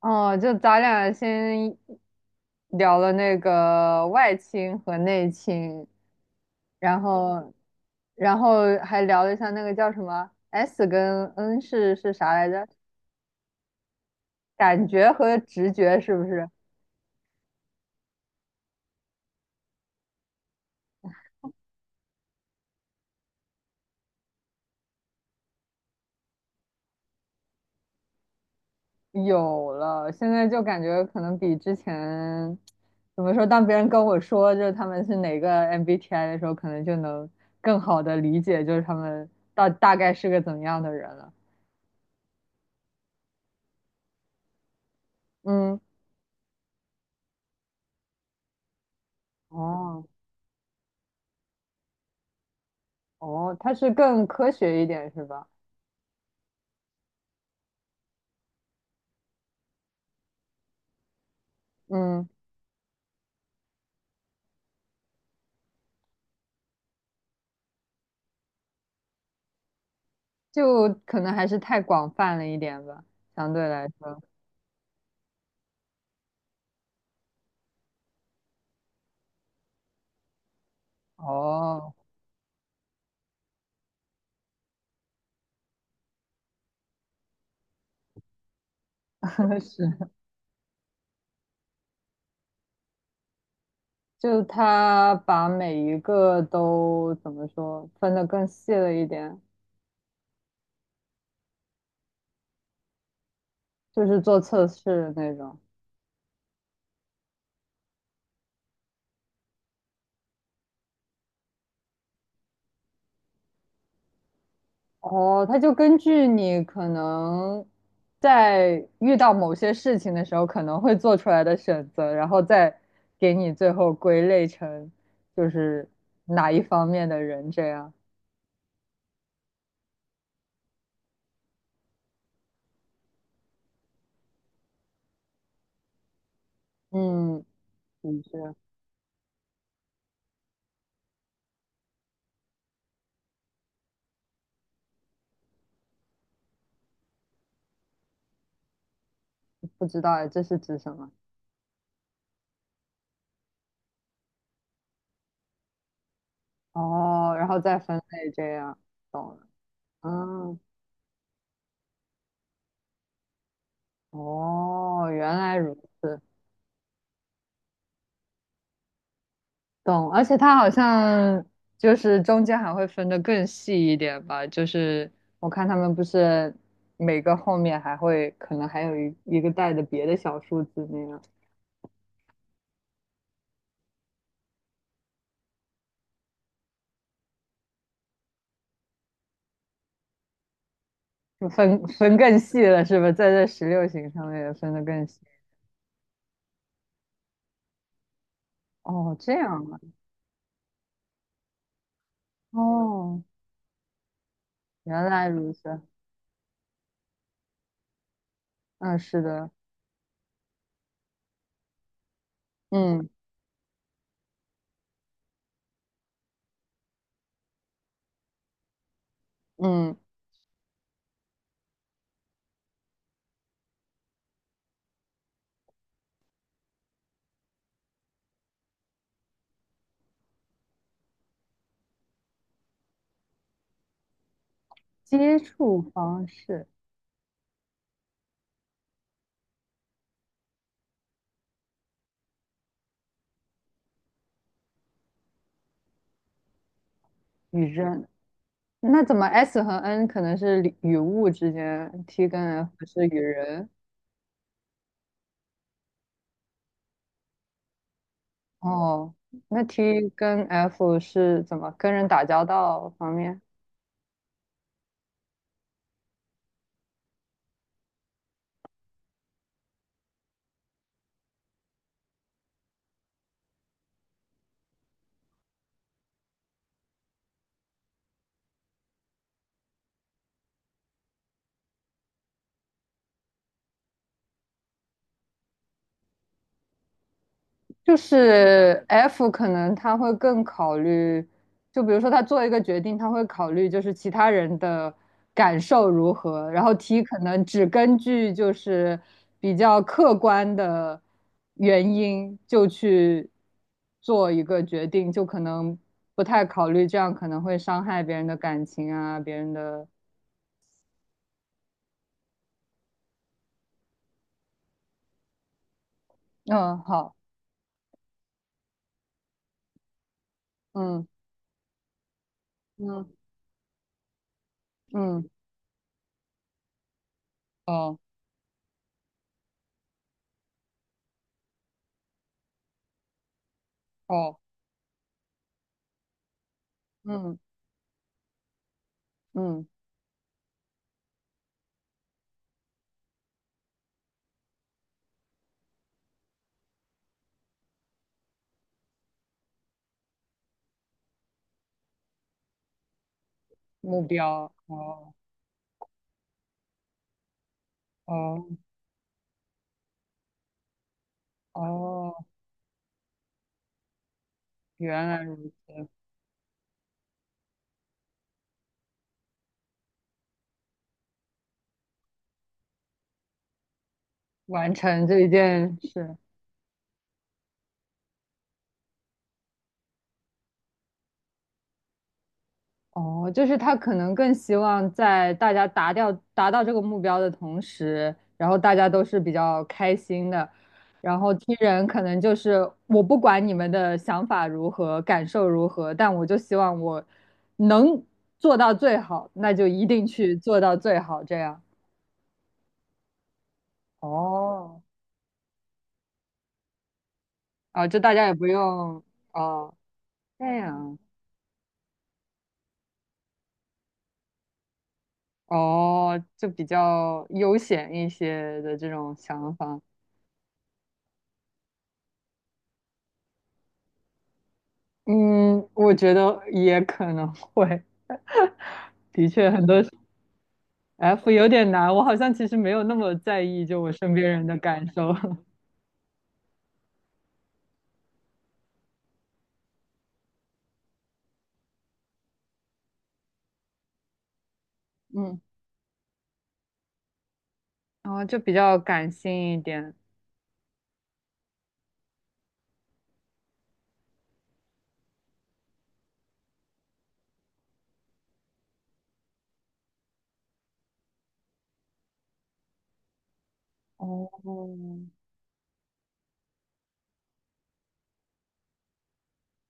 哦，就咱俩先聊了那个外倾和内倾，然后，然后还聊了一下那个叫什么 S 跟 N 是啥来着？感觉和直觉是不是有了？现在就感觉可能比之前怎么说，当别人跟我说就是他们是哪个 MBTI 的时候，可能就能更好的理解就是他们到大概是个怎么样的人了。嗯，哦。哦，它是更科学一点是吧？嗯，就可能还是太广泛了一点吧，相对来说。哦，是，就它把每一个都怎么说分得更细了一点，就是做测试那种。哦，它就根据你可能在遇到某些事情的时候可能会做出来的选择，然后再给你最后归类成就是哪一方面的人这样。嗯，你是不知道哎，这是指什么？哦，然后再分类这样，懂了。嗯，哦，原来如此，懂。而且它好像就是中间还会分得更细一点吧，就是我看他们不是每个后面还会可能还有一个带的别的小数字那样，就分更细了是吧？在这16行上面也分得更细。哦，这样啊。哦，原来如此。嗯，是的。嗯。嗯，接触方式与人，那怎么 S 和 N 可能是与物之间，T 跟 F 是与人。哦，那 T 跟 F 是怎么跟人打交道方面？就是 F 可能他会更考虑，就比如说他做一个决定，他会考虑就是其他人的感受如何，然后 T 可能只根据就是比较客观的原因就去做一个决定，就可能不太考虑这样可能会伤害别人的感情啊，别人的，嗯，好，嗯嗯嗯，哦哦，嗯嗯，目标，哦哦。哦，原来如此，完成这一件事。哦，就是他可能更希望在大家达到这个目标的同时，然后大家都是比较开心的。然后听人可能就是我不管你们的想法如何，感受如何，但我就希望我能做到最好，那就一定去做到最好，这样。哦，啊，这大家也不用哦，这样。哦，就比较悠闲一些的这种想法。嗯，我觉得也可能会，的确很多 F 有点难，我好像其实没有那么在意就我身边人的感受，嗯，然后就比较感性一点。哦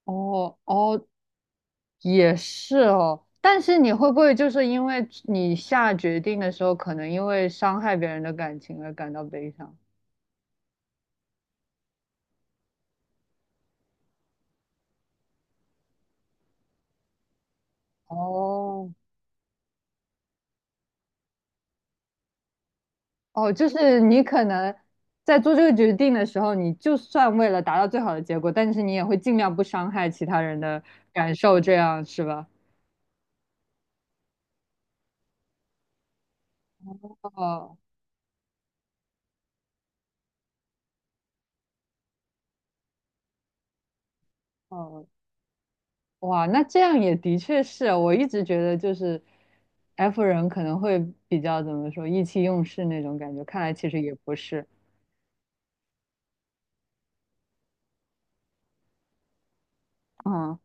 哦哦，也是哦。但是你会不会就是因为你下决定的时候，可能因为伤害别人的感情而感到悲伤？哦哦，就是你可能在做这个决定的时候，你就算为了达到最好的结果，但是你也会尽量不伤害其他人的感受，这样是吧？哦哦，哇，那这样也的确是，我一直觉得就是 F 人可能会比较怎么说意气用事那种感觉，看来其实也不是。嗯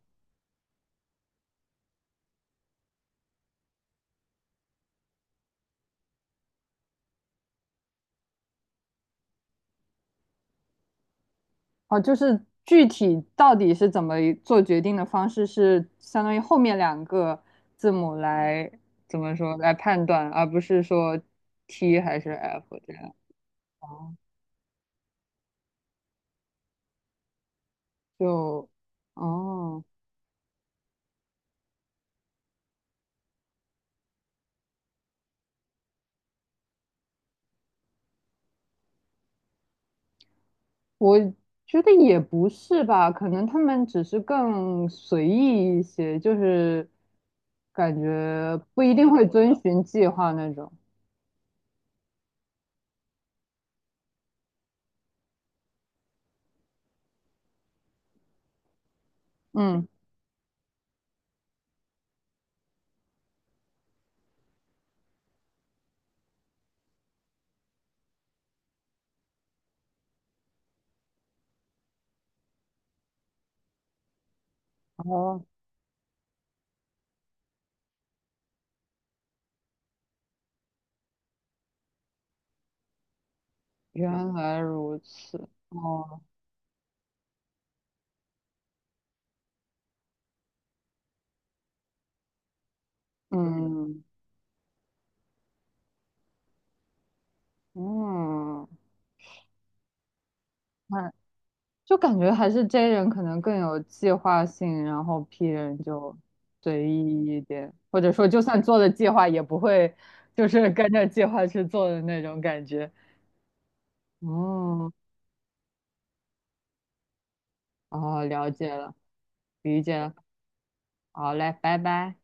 哦，就是具体到底是怎么做决定的方式，是相当于后面两个字母来怎么说来判断，而不是说 T 还是 F 这样。哦，就哦，我觉得也不是吧，可能他们只是更随意一些，就是感觉不一定会遵循计划那种。嗯，哦，原来如此。哦，嗯嗯。那。就感觉还是 J 人可能更有计划性，然后 P 人就随意一点，或者说就算做了计划，也不会就是跟着计划去做的那种感觉。哦，哦，了解了，理解了。好嘞，拜拜。